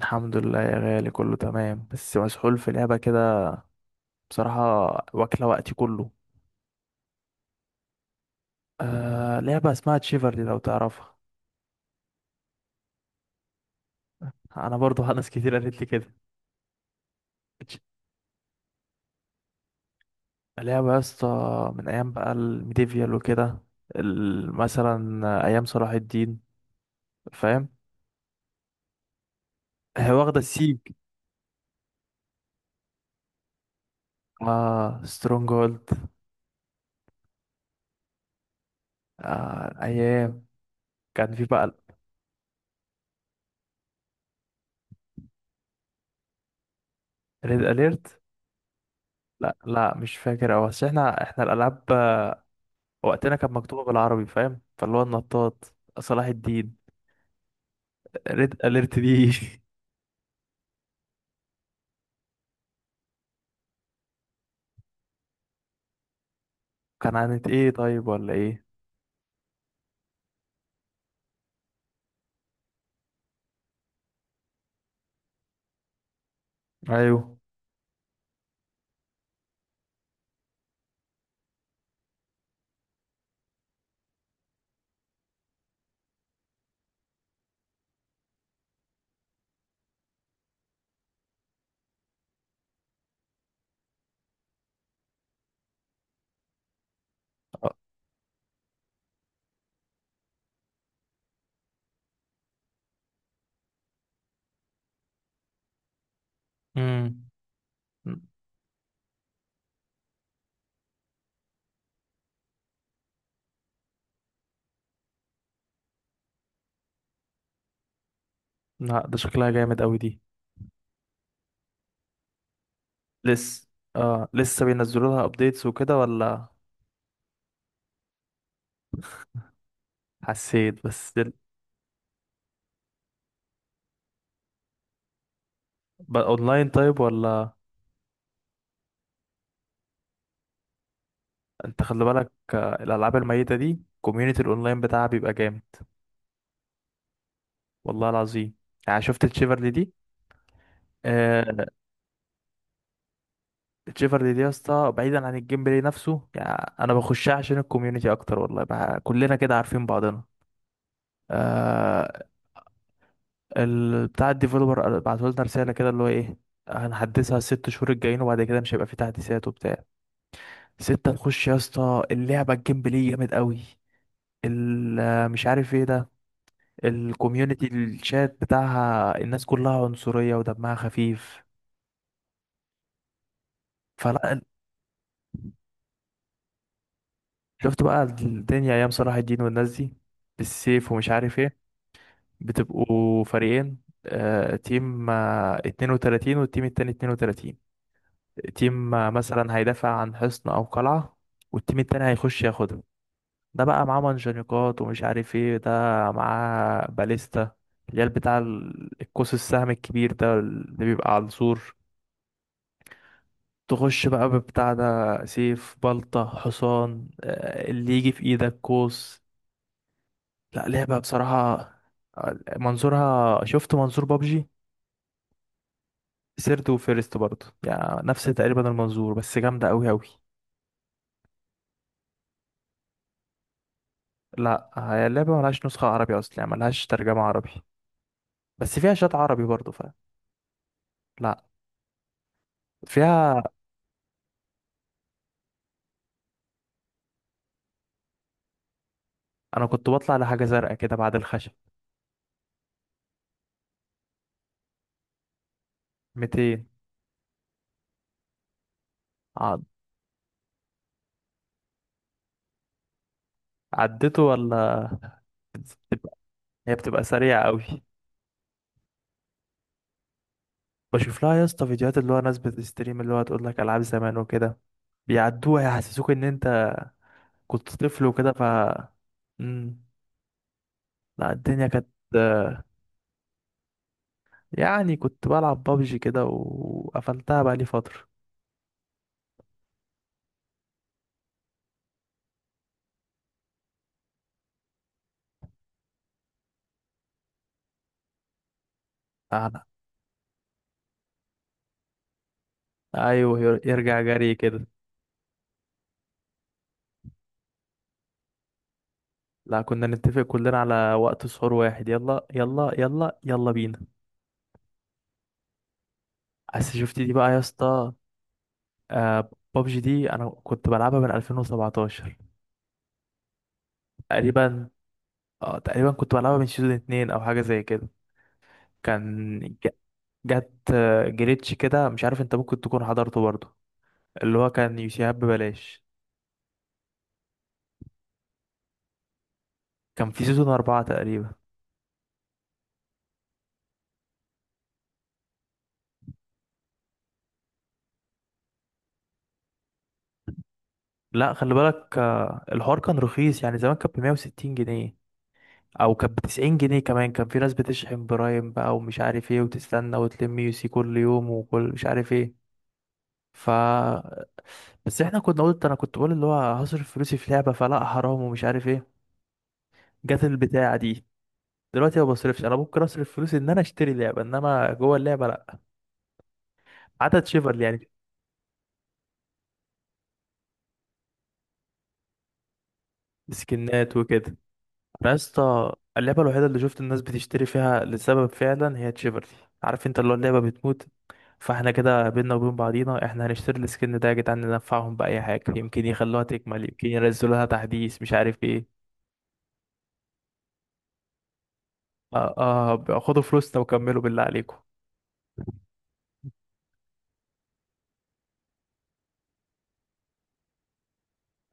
الحمد لله يا غالي، كله تمام بس مسحول في لعبة كده. بصراحة واكلة وقتي كله. آه، لعبة اسمها تشيفرلي لو تعرفها. أنا برضو ناس كتير قالت لي كده. تش- لعبة يا اسطى، من أيام بقى الميديفيال وكده. مثلا أيام صلاح الدين، فاهم. هي واخدة السيج. اه، سترونج هولد. آه أيام، كان في بقى. ريد أليرت، لا لا مش فاكر أوي، بس احنا الألعاب وقتنا كانت مكتوبة بالعربي، فاهم، فاللي هو النطاط، صلاح الدين، ريد اليرت دي. كان عن ايه طيب ولا ايه؟ ايوه. آه، امم م- لا ده شكلها جامد قوي دي. لسه؟ اه لسه بينزلوا لها ابديتس وكده ولا؟ حسيت بس بقى اونلاين طيب ولا؟ انت خلي بالك، الالعاب الميتة دي كوميونتي الاونلاين بتاعها بيبقى جامد. والله العظيم. يعني شفت الشيفرلي دي؟ آه. تشيفرلي دي يا اسطى، بعيدا عن الجيم بلاي نفسه، يعني انا بخشها عشان الكوميونتي اكتر، والله بقى كلنا كده عارفين بعضنا. آه. بتاع الديفلوبر بعتوا لنا رساله كده اللي هو ايه، هنحدثها الست شهور الجايين وبعد كده مش هيبقى في تحديثات وبتاع. ستة نخش يا اسطى اللعبه، الجيم بلاي جامد قوي. مش عارف ايه ده. الكوميونتي، الشات بتاعها الناس كلها عنصريه ودمها خفيف. فلا. شفت بقى الدنيا ايام صلاح الدين والناس دي بالسيف ومش عارف ايه. بتبقوا فريقين، تيم 32 والتيم التاني 32. تيم مثلا هيدافع عن حصن أو قلعة، والتيم التاني هيخش ياخدها. ده بقى معاه منجنيقات ومش عارف ايه ده، معاه باليستا اللي هي بتاع القوس، السهم الكبير ده اللي بيبقى على السور. تخش بقى ببتاع ده، سيف، بلطة، حصان، اللي يجي في ايدك، قوس. لا لعبة بصراحة. منظورها شفت، منظور بابجي. سيرت وفيرست برضه، يعني نفس تقريبا المنظور بس جامدة أوي أوي. لا هي اللعبة ملهاش نسخة عربي أصلا، يعني ملهاش ترجمة عربي، بس فيها شات عربي برضه، فاهم. لا فيها. أنا كنت بطلع لحاجة زرقاء كده بعد الخشب. 200. عد... عدته ولا؟ بتبقى... هي بتبقى سريعة أوي. بشوف لها يا اسطى فيديوهات اللي هو ناس بتستريم، اللي هو تقول لك ألعاب زمان وكده، بيعدوها يحسسوك إن أنت كنت طفل وكده. ف مم. لا الدنيا كانت، يعني كنت بلعب بابجي كده وقفلتها بقى لي فترة. أنا. أيوه، يرجع جري كده. لا كنا نتفق كلنا على وقت سحور واحد، يلا يلا يلا يلا بينا. بس شفت دي بقى يا اسطى. آه بابجي دي أنا كنت بلعبها من 2017 تقريبا. اه تقريبا كنت بلعبها من سيزون اتنين أو حاجة زي كده. كان، ج- جت جليتش كده، مش عارف انت ممكن تكون حضرته برضه، اللي هو كان يوسيهاب ببلاش. كان في سيزون أربعة تقريبا. لا خلي بالك، الحوار كان رخيص، يعني زمان كانت ب 160 جنيه او كانت ب 90 جنيه كمان. كان في ناس بتشحن برايم بقى ومش عارف ايه، وتستنى وتلم يو سي كل يوم وكل مش عارف ايه. ف بس احنا كنا، قلت انا كنت بقول اللي هو هصرف فلوسي في لعبة فلا حرام ومش عارف ايه. جت البتاعة دي. دلوقتي ما بصرفش. انا ممكن اصرف فلوسي ان انا اشتري لعبة، انما جوه اللعبة لا. عدد شيفر يعني. سكنات وكده. انا يا اسطى اللعبه الوحيده اللي شفت الناس بتشتري فيها لسبب فعلا هي تشيفرتي. عارف انت اللي هو اللعبه بتموت، فاحنا كده بينا وبين بعضينا احنا هنشتري السكن ده يا جدعان، ننفعهم باي حاجه، يمكن يخلوها تكمل، يمكن ينزلوا لها تحديث مش عارف ايه. اه. اه خدوا فلوسنا وكملوا بالله عليكم.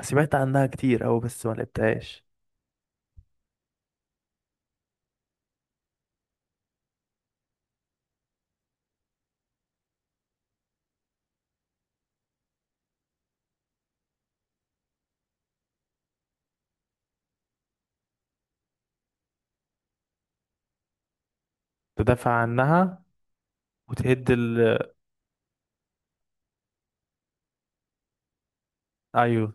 سمعت عنها كتير أوي بس ما لعبتهاش. تدافع عنها وتهد ال. أيوه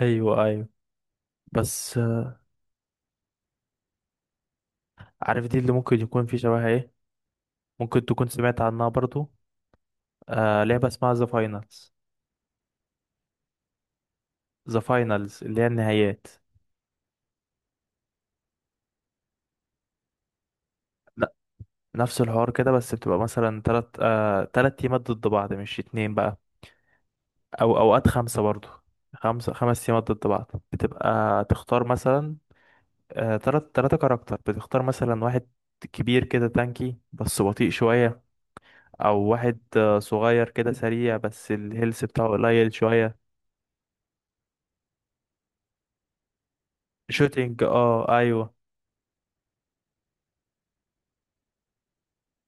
أيوه أيوه. بس عارف دي اللي ممكن يكون في شبهها إيه؟ ممكن تكون سمعت عنها برضو. آه لعبة اسمها ذا فاينلز. ذا فاينلز اللي هي النهايات. لا، نفس الحوار كده بس بتبقى مثلا تلات، آه تلات تيمات ضد بعض مش اتنين بقى، أو أوقات خمسة برضو. خمسة، خمس تيمات ضد بعض. بتبقى تختار مثلا، آه تلات، تلاتة كاركتر. بتختار مثلا واحد كبير كده تانكي بس بطيء شوية، أو واحد آه صغير كده سريع بس الهيلث بتاعه قليل شوية. شوتينج اه أيوه.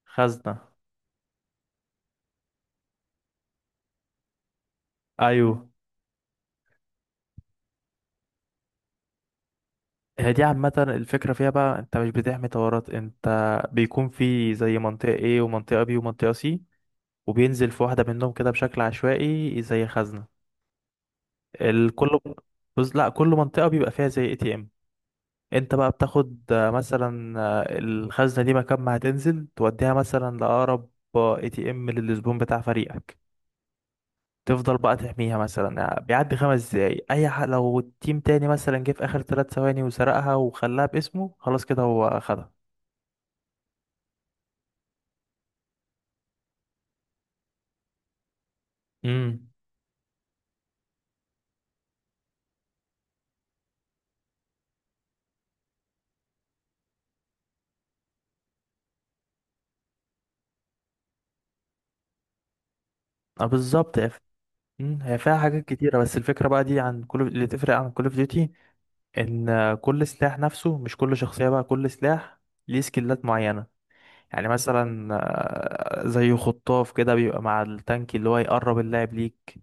خزنة. أيوه. هي دي عامة الفكرة فيها بقى، انت مش بتحمي طورات انت. بيكون في زي منطقة A ومنطقة B ومنطقة C، وبينزل في واحدة منهم كده بشكل عشوائي زي خزنة. الكل. بص لا، كل منطقة بيبقى فيها زي اي تي ام. انت بقى بتاخد، مثلا، الخزنة دي مكان ما هتنزل توديها مثلا لأقرب اي تي ام للزبون بتاع فريقك. تفضل بقى تحميها، مثلا يعني بيعدي 5 دقايق، اي حق لو التيم تاني مثلا جه في اخر 3 ثواني وسرقها وخلاها باسمه، خلاص كده هو خدها. امم اه بالظبط يا أخي. هي فيها حاجات كتيرة بس الفكرة بقى دي عن كل اللي تفرق عن كل اوف ديوتي، ان كل سلاح نفسه، مش كل شخصية بقى كل سلاح ليه سكيلات معينة. يعني مثلا، زي خطاف كده بيبقى مع التانك اللي هو يقرب اللاعب ليك،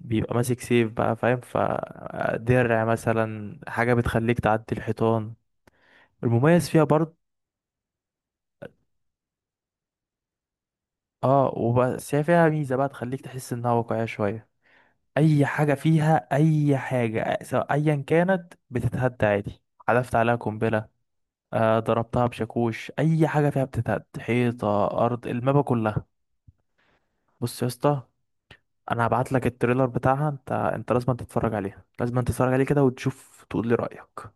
بيبقى ماسك سيف بقى فاهم، فدرع مثلا حاجة بتخليك تعدي الحيطان. المميز فيها برضه، اه وبس هي فيها ميزة بقى تخليك تحس انها واقعية شوية. اي حاجة فيها، اي حاجة سواء ايا كانت بتتهد عادي. حذفت عليها قنبلة، آه ضربتها بشاكوش، اي حاجه فيها بتتهد، حيطه، ارض المابا كلها. بص يا اسطى، انا هبعت لك التريلر بتاعها. انت انت لازم تتفرج عليها، لازم تتفرج عليه كده وتشوف تقول لي رايك.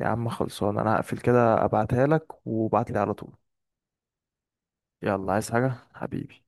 يا عم خلصان، انا هقفل كده ابعتها لك وابعت لي على طول. يلا عايز حاجه حبيبي؟